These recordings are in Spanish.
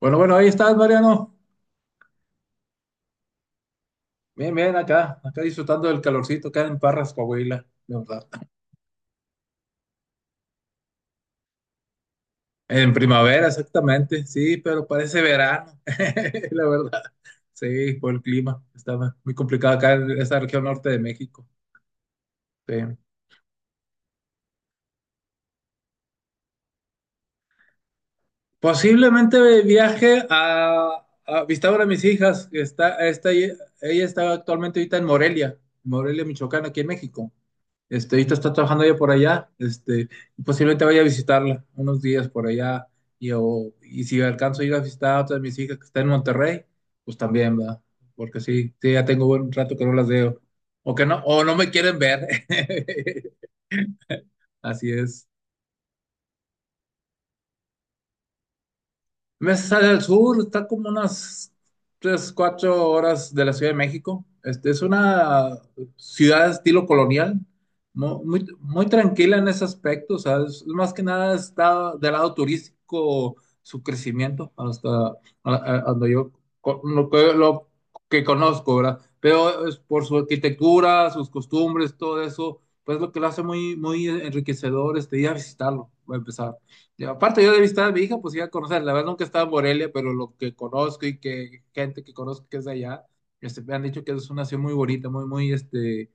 Bueno, bueno, ahí estás, Mariano. Bien, bien, acá disfrutando del calorcito, acá en Parras, Coahuila, la verdad. En primavera, exactamente, sí, pero parece verano, la verdad. Sí, por el clima, está muy complicado acá en esta región norte de México. Sí. Posiblemente viaje a visitar a una de mis hijas, que está. Ella está actualmente ahorita en Morelia, Morelia, Michoacán, aquí en México. Ahorita está trabajando ella por allá, y posiblemente vaya a visitarla unos días por allá, y si alcanzo a ir a visitar a otra de mis hijas que está en Monterrey, pues también, ¿verdad? Porque sí, sí, ya tengo buen rato que no las veo, o que no, o no me quieren ver, así es. Me sale al sur, está como unas 3 4 horas de la Ciudad de México. Es una ciudad de estilo colonial, ¿no? Muy, muy tranquila en ese aspecto, o sea, más que nada está del lado turístico su crecimiento hasta donde yo lo que conozco, ¿verdad? Pero es por su arquitectura, sus costumbres, todo eso, pues lo que lo hace muy, muy enriquecedor, ir a visitarlo, a empezar. Y aparte yo de visitar a mi hija, pues iba a conocer, la verdad nunca he estado en Morelia, pero lo que conozco y que gente que conozco que es de allá, me han dicho que es una ciudad muy bonita, muy, muy,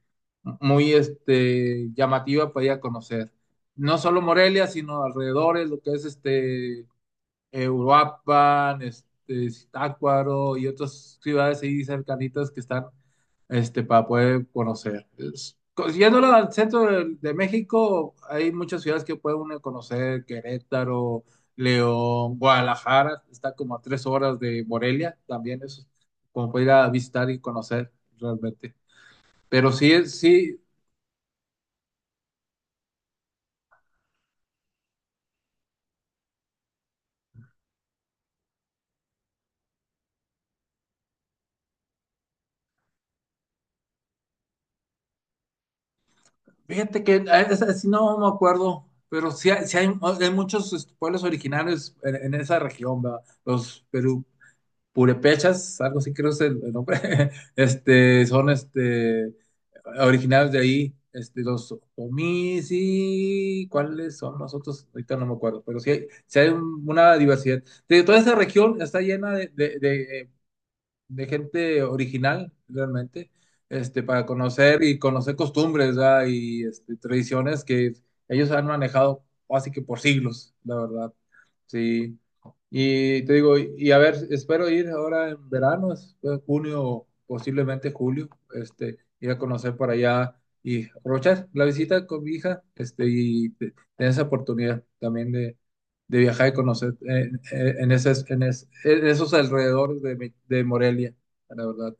muy, llamativa para ir a conocer. No solo Morelia, sino alrededores, lo que es, Uruapan, Zitácuaro y otras ciudades ahí cercanitas que están para poder conocer. Yéndolo al centro de México, hay muchas ciudades que puede uno conocer: Querétaro, León, Guadalajara, está como a 3 horas de Morelia, también es como para ir a visitar y conocer realmente. Pero sí, sí, fíjate que a esa sí no me acuerdo, pero sí, hay muchos pueblos originarios en esa región, ¿verdad? Los Perú, purépechas, algo así creo es el nombre, son originarios de ahí, los omis y cuáles son los otros, ahorita no me acuerdo, pero una diversidad. De toda esa región está llena de gente original, realmente, para conocer y conocer costumbres, ¿verdad? Y tradiciones que ellos han manejado así que por siglos, la verdad. Sí. Y te digo, y a ver, espero ir ahora en verano, en junio, posiblemente julio, ir a conocer para allá y aprovechar la visita con mi hija, tener esa oportunidad también de viajar y conocer en esos alrededores de Morelia, la verdad.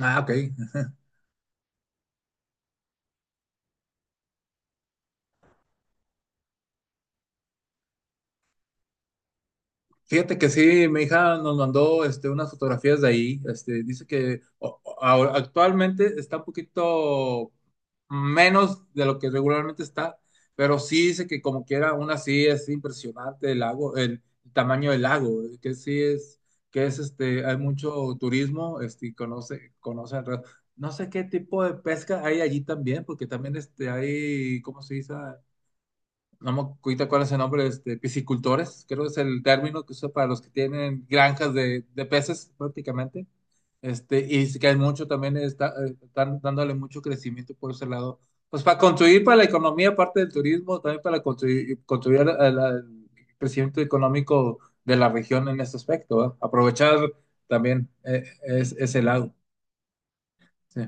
Ah, ok. Fíjate que sí, mi hija nos mandó unas fotografías de ahí. Dice que actualmente está un poquito menos de lo que regularmente está, pero sí dice que como quiera, aún así es impresionante el lago, el tamaño del lago, que es, hay mucho turismo, y conoce alrededor. No sé qué tipo de pesca hay allí también, porque también hay, ¿cómo se dice? No me acuerdo cuál es el nombre, piscicultores, creo que es el término que usa para los que tienen granjas de peces prácticamente. Y sí que hay mucho también, está, están dándole mucho crecimiento por ese lado. Pues para contribuir para la economía, aparte del turismo, también para contribuir al crecimiento económico de la región en este aspecto, ¿verdad? Aprovechar también ese lado. Sí.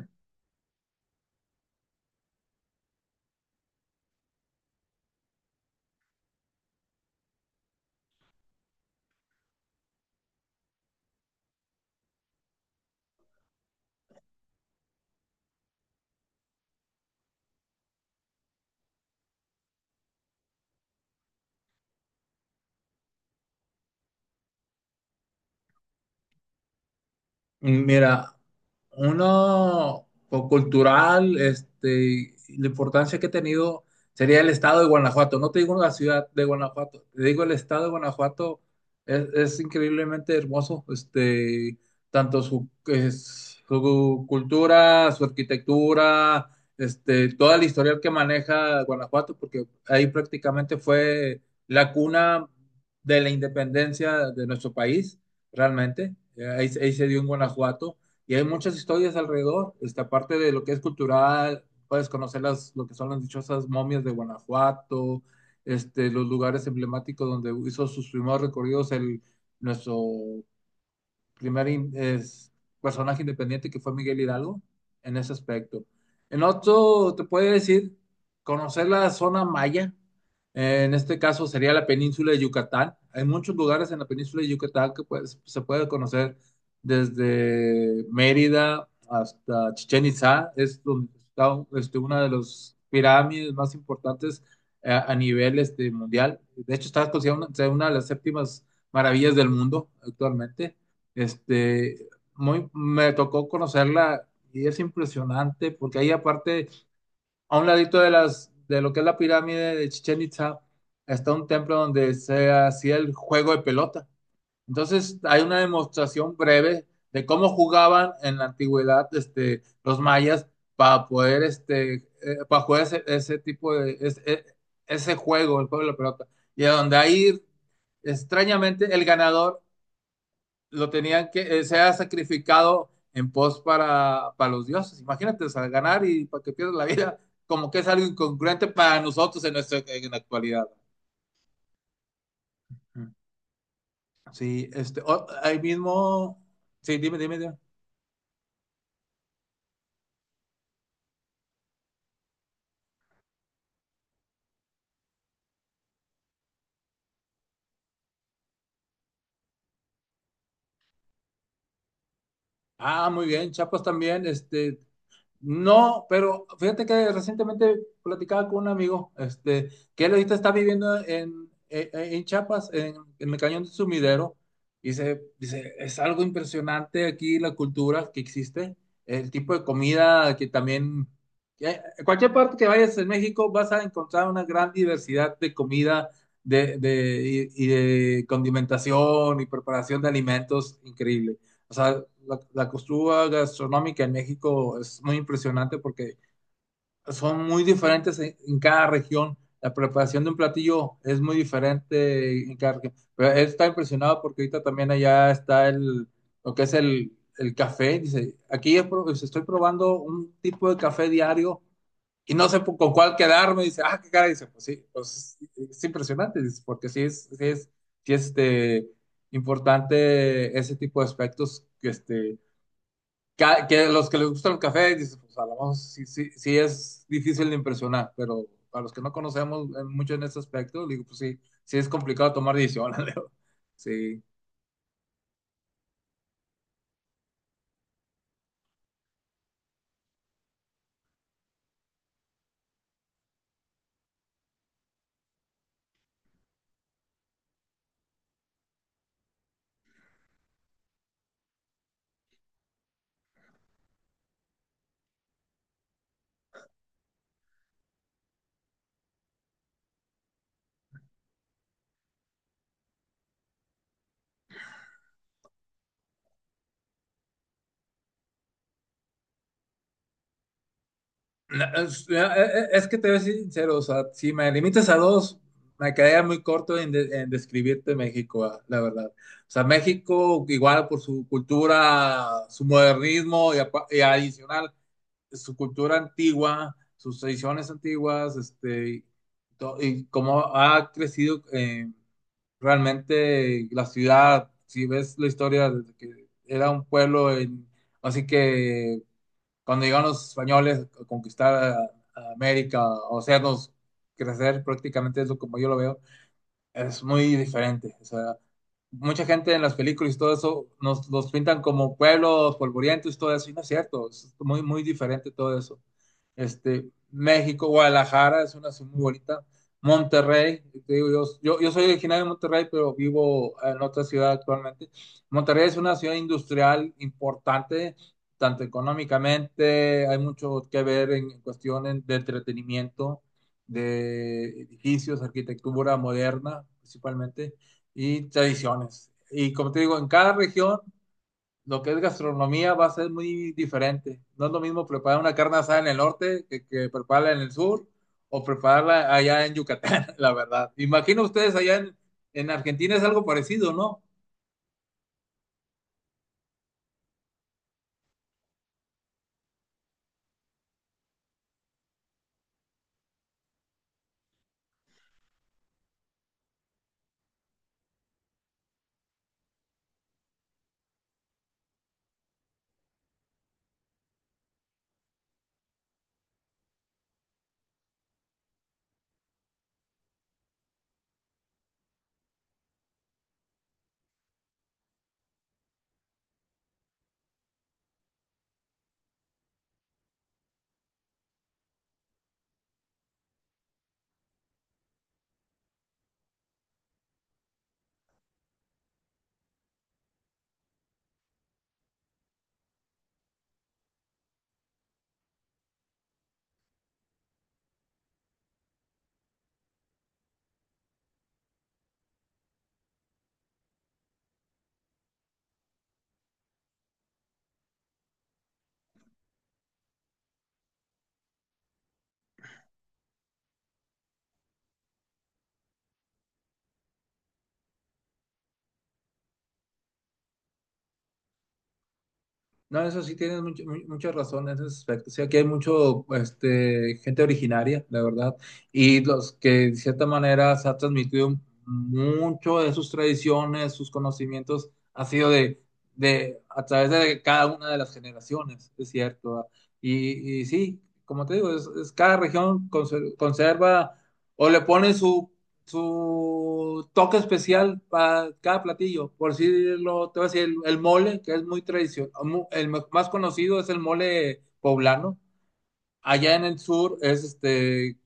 Mira, uno cultural, la importancia que ha tenido sería el estado de Guanajuato. No te digo la ciudad de Guanajuato, te digo el estado de Guanajuato es increíblemente hermoso. Tanto su, su cultura, su arquitectura, toda la historia que maneja Guanajuato, porque ahí prácticamente fue la cuna de la independencia de nuestro país realmente. Ahí se dio en Guanajuato y hay muchas historias alrededor. Aparte de lo que es cultural, puedes conocer las, lo que son las dichosas momias de Guanajuato, los lugares emblemáticos donde hizo sus primeros recorridos el, nuestro primer in- es, personaje independiente que fue Miguel Hidalgo en ese aspecto. En otro, te puede decir, conocer la zona maya, en este caso sería la península de Yucatán. Hay muchos lugares en la península de Yucatán que pues, se puede conocer desde Mérida hasta Chichén Itzá, es donde está una de las pirámides más importantes a nivel mundial. De hecho, está considerada una de las séptimas maravillas del mundo actualmente. Este, Muy, me tocó conocerla y es impresionante porque ahí aparte, a un ladito de las, de lo que es la pirámide de Chichen Itza, está un templo donde se hacía el juego de pelota. Entonces, hay una demostración breve de cómo jugaban en la antigüedad los mayas para poder para jugar ese juego, el juego de la pelota. Y a donde ahí, extrañamente, el ganador lo tenían que, se ha sacrificado en pos para los dioses. Imagínate, al ganar y para que pierdas la vida, como que es algo incongruente para nosotros en, nuestra, en la actualidad. Sí, ahí mismo, sí, dime, dime, dime. Ah, muy bien, Chapas también, no, pero fíjate que recientemente platicaba con un amigo, que él ahorita está viviendo en Chiapas, en el Cañón de Sumidero, y dice, es algo impresionante aquí la cultura que existe, el tipo de comida que también, que en cualquier parte que vayas en México vas a encontrar una gran diversidad de comida de condimentación y preparación de alimentos increíble. O sea, la costura gastronómica en México es muy impresionante porque son muy diferentes en cada región. La preparación de un platillo es muy diferente en cada región. Pero él está impresionado porque ahorita también allá está lo que es el café. Dice, aquí pues, estoy probando un tipo de café diario y no sé con cuál quedarme. Dice, ah, qué cara. Dice, pues sí, pues es impresionante. Dice, porque sí es, este, importante ese tipo de aspectos que que los que les gusta el café, dices, pues a lo mejor sí, sí es difícil de impresionar, pero para los que no conocemos mucho en este aspecto, digo, pues sí, sí es complicado tomar decisiones, Leo. Sí. Es que te voy a ser sincero, o sea, si me limitas a dos, me quedaría muy corto en, en describirte México, ah, la verdad. O sea, México, igual por su cultura, su modernismo y, y adicional su cultura antigua, sus tradiciones antiguas, y cómo ha crecido realmente la ciudad. Si ves la historia, desde que era un pueblo, así que cuando llegaron los españoles a conquistar a América, o hacernos crecer prácticamente es lo como yo lo veo, es muy diferente. O sea, mucha gente en las películas y todo eso nos los pintan como pueblos polvorientos y todo eso, y no es cierto, es muy, muy diferente todo eso. México, Guadalajara es una ciudad muy bonita. Monterrey, te digo, yo soy originario de Monterrey, pero vivo en otra ciudad actualmente. Monterrey es una ciudad industrial importante, tanto económicamente, hay mucho que ver en cuestiones de entretenimiento, de edificios, arquitectura moderna principalmente, y tradiciones. Y como te digo, en cada región lo que es gastronomía va a ser muy diferente. No es lo mismo preparar una carne asada en el norte que prepararla en el sur o prepararla allá en Yucatán, la verdad. Imagino ustedes allá en Argentina es algo parecido, ¿no? No, eso sí tienes mucha razón en ese aspecto. Sí, aquí hay mucho, gente originaria, la verdad, y los que de cierta manera se ha transmitido mucho de sus tradiciones, sus conocimientos, ha sido de a través de cada una de las generaciones, es cierto. ¿Verdad? Y sí, como te digo, es cada región conserva o le pone su su toque especial para cada platillo. Por decirlo, te voy a decir, el mole, que es muy tradicional, más conocido es el mole poblano. Allá en el sur es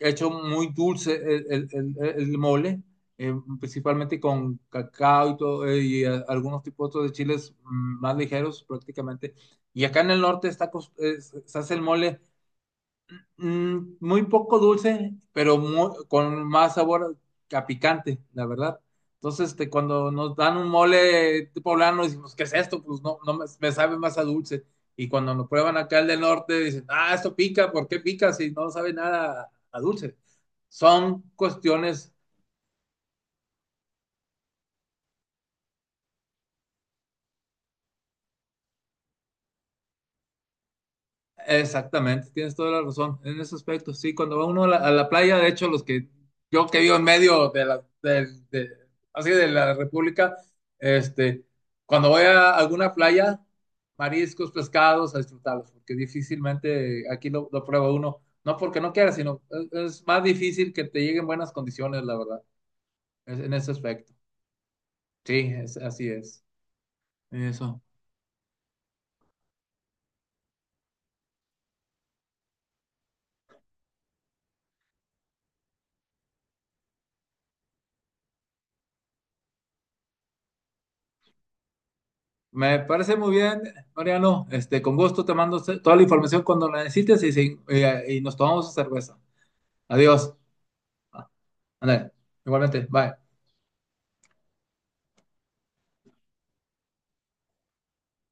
hecho muy dulce el, el mole, eh, principalmente con cacao y, todo, algunos tipos otros de chiles, más ligeros prácticamente. Y acá en el norte está, se hace el mole muy poco dulce, pero con más sabor a picante, la verdad. Entonces, cuando nos dan un mole poblano, decimos, ¿qué es esto? Pues no, me sabe más a dulce. Y cuando lo prueban acá el del norte, dicen, ah, esto pica, ¿por qué pica si no sabe nada a dulce? Son cuestiones. Exactamente, tienes toda la razón en ese aspecto. Sí, cuando va uno a la playa, de hecho, los que yo que vivo en medio de de, así de la República, este, cuando voy a alguna playa, mariscos, pescados, a disfrutarlos, porque difícilmente aquí lo prueba uno, no porque no quiera, sino es más difícil que te lleguen buenas condiciones, la verdad, en ese aspecto. Sí, es, así es. Eso. Me parece muy bien, Mariano. Con gusto te mando toda la información cuando la necesites y, y nos tomamos cerveza. Adiós. Ah, ándale. Igualmente, bye.